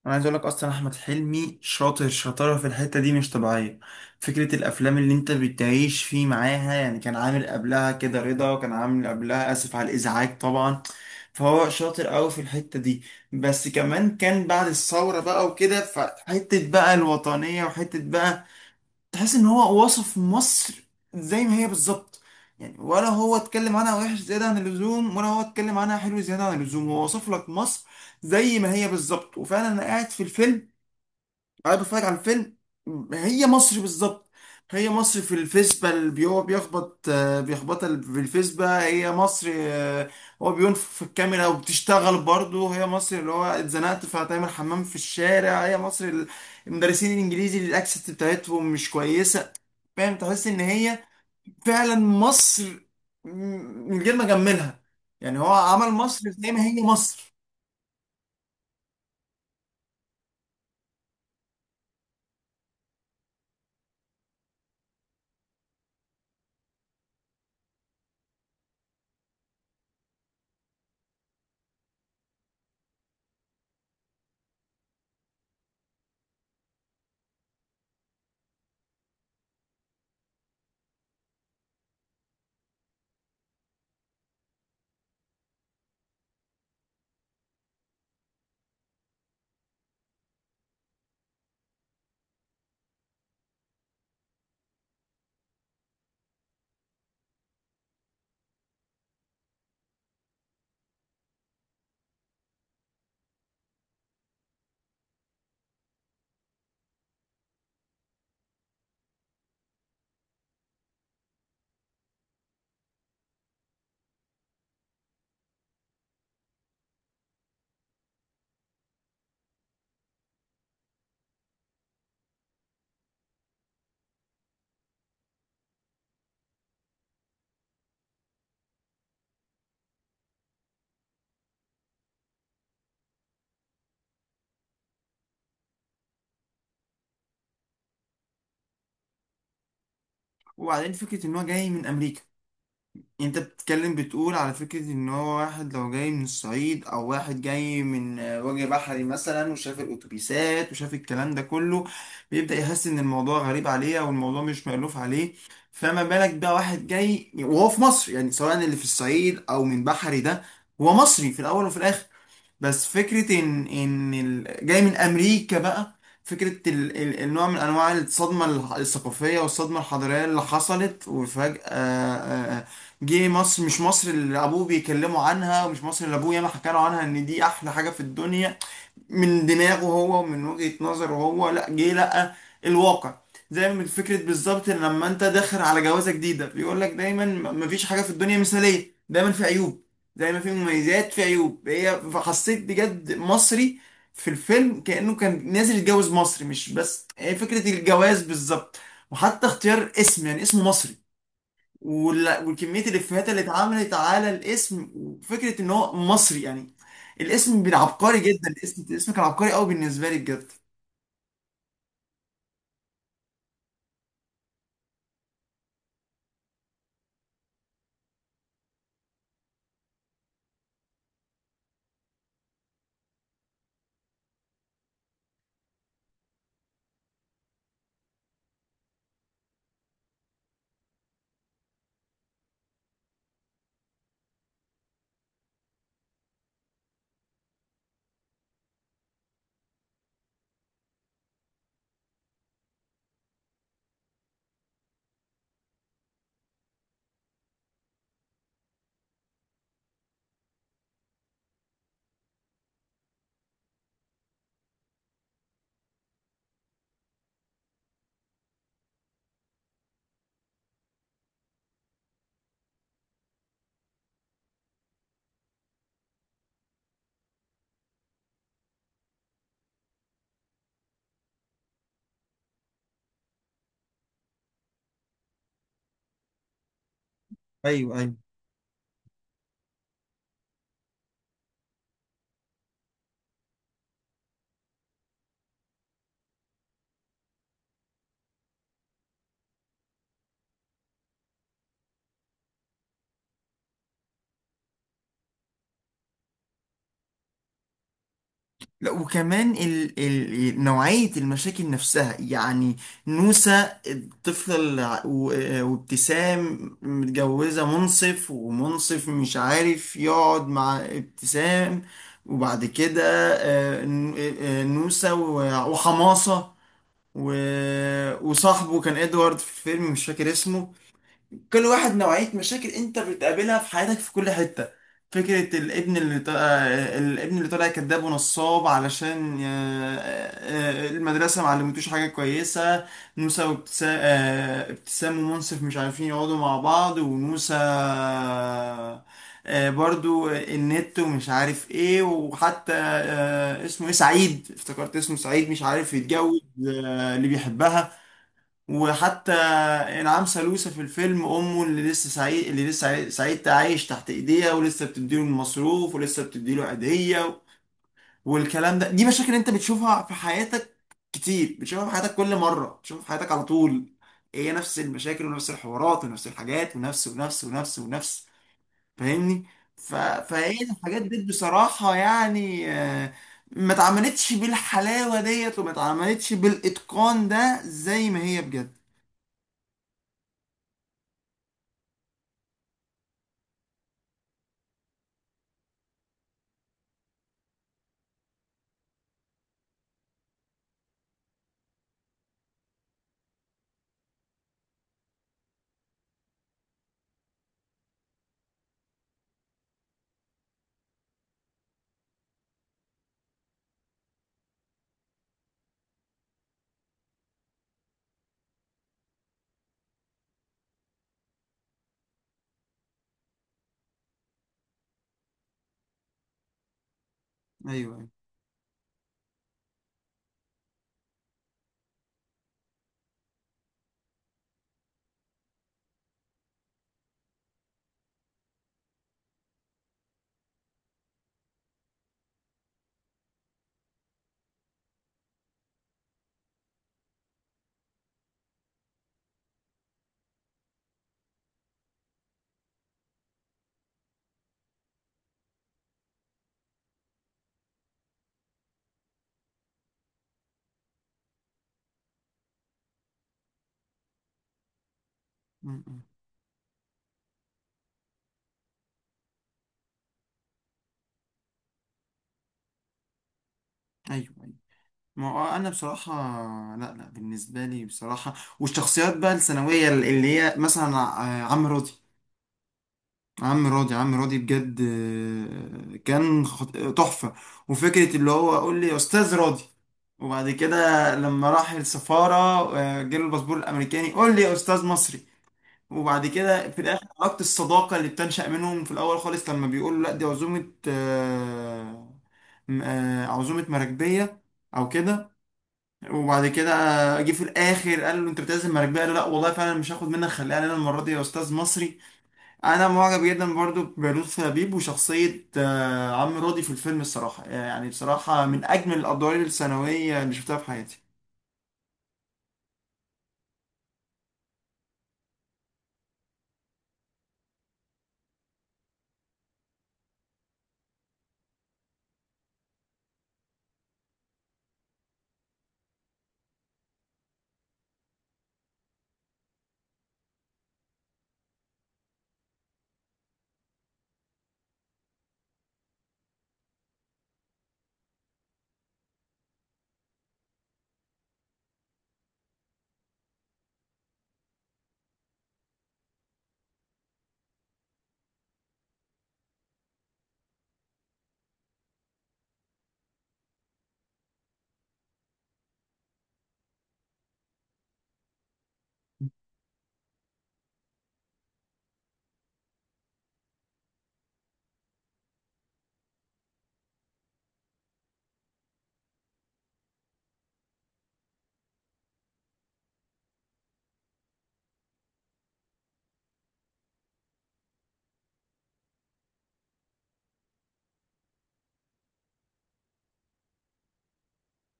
انا عايز اقول لك اصلا احمد حلمي شاطر شطاره في الحته دي مش طبيعيه. فكره الافلام اللي انت بتعيش فيه معاها، يعني كان عامل قبلها كده رضا، وكان عامل قبلها اسف على الازعاج طبعا. فهو شاطر قوي في الحته دي، بس كمان كان بعد الثوره بقى وكده، فحته بقى الوطنيه وحته بقى تحس ان هو وصف مصر زي ما هي بالظبط. يعني ولا هو اتكلم عنها وحش زيادة عن اللزوم، ولا هو اتكلم عنها حلو زيادة عن اللزوم، هو وصف لك مصر زي ما هي بالظبط. وفعلا انا قاعد في الفيلم قاعد بتفرج على الفيلم، هي مصر بالظبط. هي مصر في الفيسبا اللي هو بيخبط، بيخبطها في الفيسبا، هي مصر. هو بينفخ في الكاميرا وبتشتغل برضه، هي مصر اللي هو اتزنقت فهتعمل حمام في الشارع، هي مصر المدرسين الانجليزي اللي الاكسنت بتاعتهم مش كويسه. فاهم؟ تحس ان هي فعلا مصر، م- من غير ما اجملها، يعني هو عمل مصر زي ما هي مصر. وبعدين فكره ان هو جاي من امريكا، انت بتتكلم بتقول على فكرة ان هو واحد لو جاي من الصعيد او واحد جاي من وجه بحري مثلا، وشاف الاتوبيسات وشاف الكلام ده كله، بيبدأ يحس ان الموضوع غريب عليه او الموضوع مش مألوف عليه. فما بالك بقى واحد جاي وهو في مصر، يعني سواء اللي في الصعيد او من بحري، ده هو مصري في الاول وفي الاخر. بس فكرة إن جاي من أمريكا بقى، فكرة النوع من أنواع الصدمة الثقافية والصدمة الحضارية اللي حصلت وفجأة جه مصر مش مصر اللي أبوه بيكلموا عنها، ومش مصر اللي أبوه ياما حكى له عنها إن دي أحلى حاجة في الدنيا من دماغه هو ومن وجهة نظره هو، لا جه لقى الواقع. زي ما فكرة بالظبط إن لما انت داخل على جوازة جديدة بيقول لك دايما مفيش حاجة في الدنيا مثالية، دايما في عيوب زي ما في مميزات، في عيوب. هي فحسيت بجد مصري في الفيلم كأنه كان نازل يتجوز مصري، مش بس هي فكرة الجواز بالظبط. وحتى اختيار اسم، يعني اسمه مصري، وكمية الإفيهات اللي اتعملت على الاسم، وفكرة إن هو مصري، يعني الاسم بين عبقري جدا. الاسم، الاسم كان عبقري قوي بالنسبة لي بجد. ايوه، ايوه. لا، وكمان نوعية المشاكل نفسها. يعني نوسة الطفلة وابتسام متجوزة منصف، ومنصف مش عارف يقعد مع ابتسام. وبعد كده، نوسة وحماصة و... وصاحبه كان ادوارد في الفيلم مش فاكر اسمه. كل واحد نوعية مشاكل انت بتقابلها في حياتك في كل حتة. فكرة الابن اللي ط... آه، الابن اللي طالع كذاب ونصاب علشان المدرسة ما علمتوش حاجة كويسة. موسى وابتسام، ابتسام ومنصف مش عارفين يقعدوا مع بعض، وموسى برضو النت ومش عارف ايه. وحتى اسمه ايه، سعيد، افتكرت اسمه سعيد، مش عارف يتجوز اللي بيحبها. وحتى انعام سالوسة في الفيلم امه، اللي لسه سعيد اللي لسه سعيد عايش تحت ايديها ولسه بتديله المصروف ولسه بتديله عيدية، والكلام ده. دي مشاكل انت بتشوفها في حياتك كتير، بتشوفها في حياتك، كل مرة بتشوفها في حياتك على طول. هي نفس المشاكل ونفس الحوارات ونفس الحاجات ونفس ونفس ونفس ونفس. فاهمني؟ فهي الحاجات دي بصراحة يعني، ما اتعملتش بالحلاوة ديت، وما اتعملتش بالإتقان ده زي ما هي بجد. ايوه، أيوة. م-م. ايوه، ايوه. ما هو انا بصراحه، لا لا، بالنسبه لي بصراحه. والشخصيات بقى الثانويه اللي هي مثلا عم راضي. عم راضي، عم راضي بجد كان تحفه. وفكره اللي هو قول لي يا استاذ راضي، وبعد كده لما راح السفاره جاله الباسبور الامريكاني، قول لي يا استاذ مصري. وبعد كده في الاخر علاقه الصداقه اللي بتنشا منهم في الاول خالص، لما بيقول له لا دي عزومه عزومه مراكبيه او كده. وبعد كده جه في الاخر قال له انت بتعزم مراكبيه، قال له لا والله فعلا مش هاخد منك، خليها لنا المره دي يا استاذ مصري. انا معجب جدا برضو بلطفي لبيب وشخصيه عم راضي في الفيلم الصراحه، يعني بصراحه من اجمل الادوار الثانويه اللي شفتها في حياتي.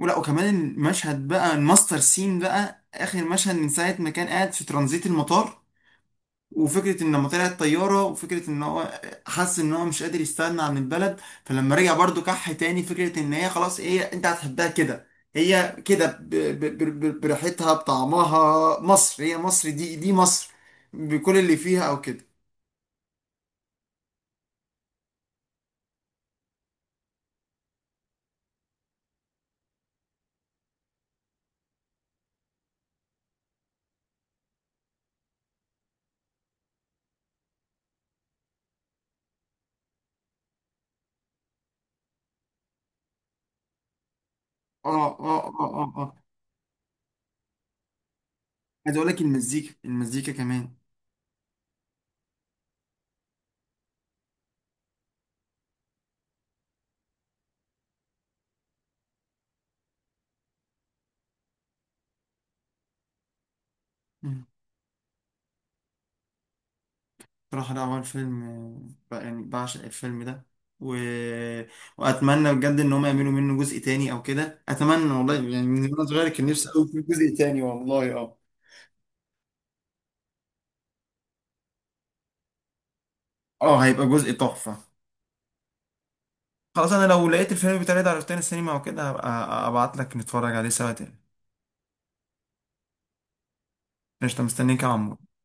ولا، وكمان المشهد بقى، الماستر سين بقى، اخر مشهد من ساعه ما كان قاعد في ترانزيت المطار، وفكرة ان لما طلعت طيارة، وفكرة ان هو حس ان هو مش قادر يستغنى عن البلد، فلما رجع برضو كح تاني، فكرة ان هي خلاص، هي انت هتحبها كده، هي كده بريحتها بطعمها، مصر هي مصر دي، دي مصر بكل اللي فيها او كده. اه، اه، اه، اه، اه. عايز اقول لك المزيكا، المزيكا كمان. بصراحة ده أول فيلم، يعني بعشق الفيلم ده و... وأتمنى بجد إن هم يعملوا منه جزء تاني أو كده، أتمنى والله. يعني من وأنا صغير كان نفسي أوي في جزء تاني والله. أه، أه، هيبقى جزء تحفة. خلاص أنا لو لقيت الفيلم بتاعي ده على روتانا السينما وكده، هبقى أبعت لك نتفرج عليه سوا تاني. قشطة، مستنيك يا عمو.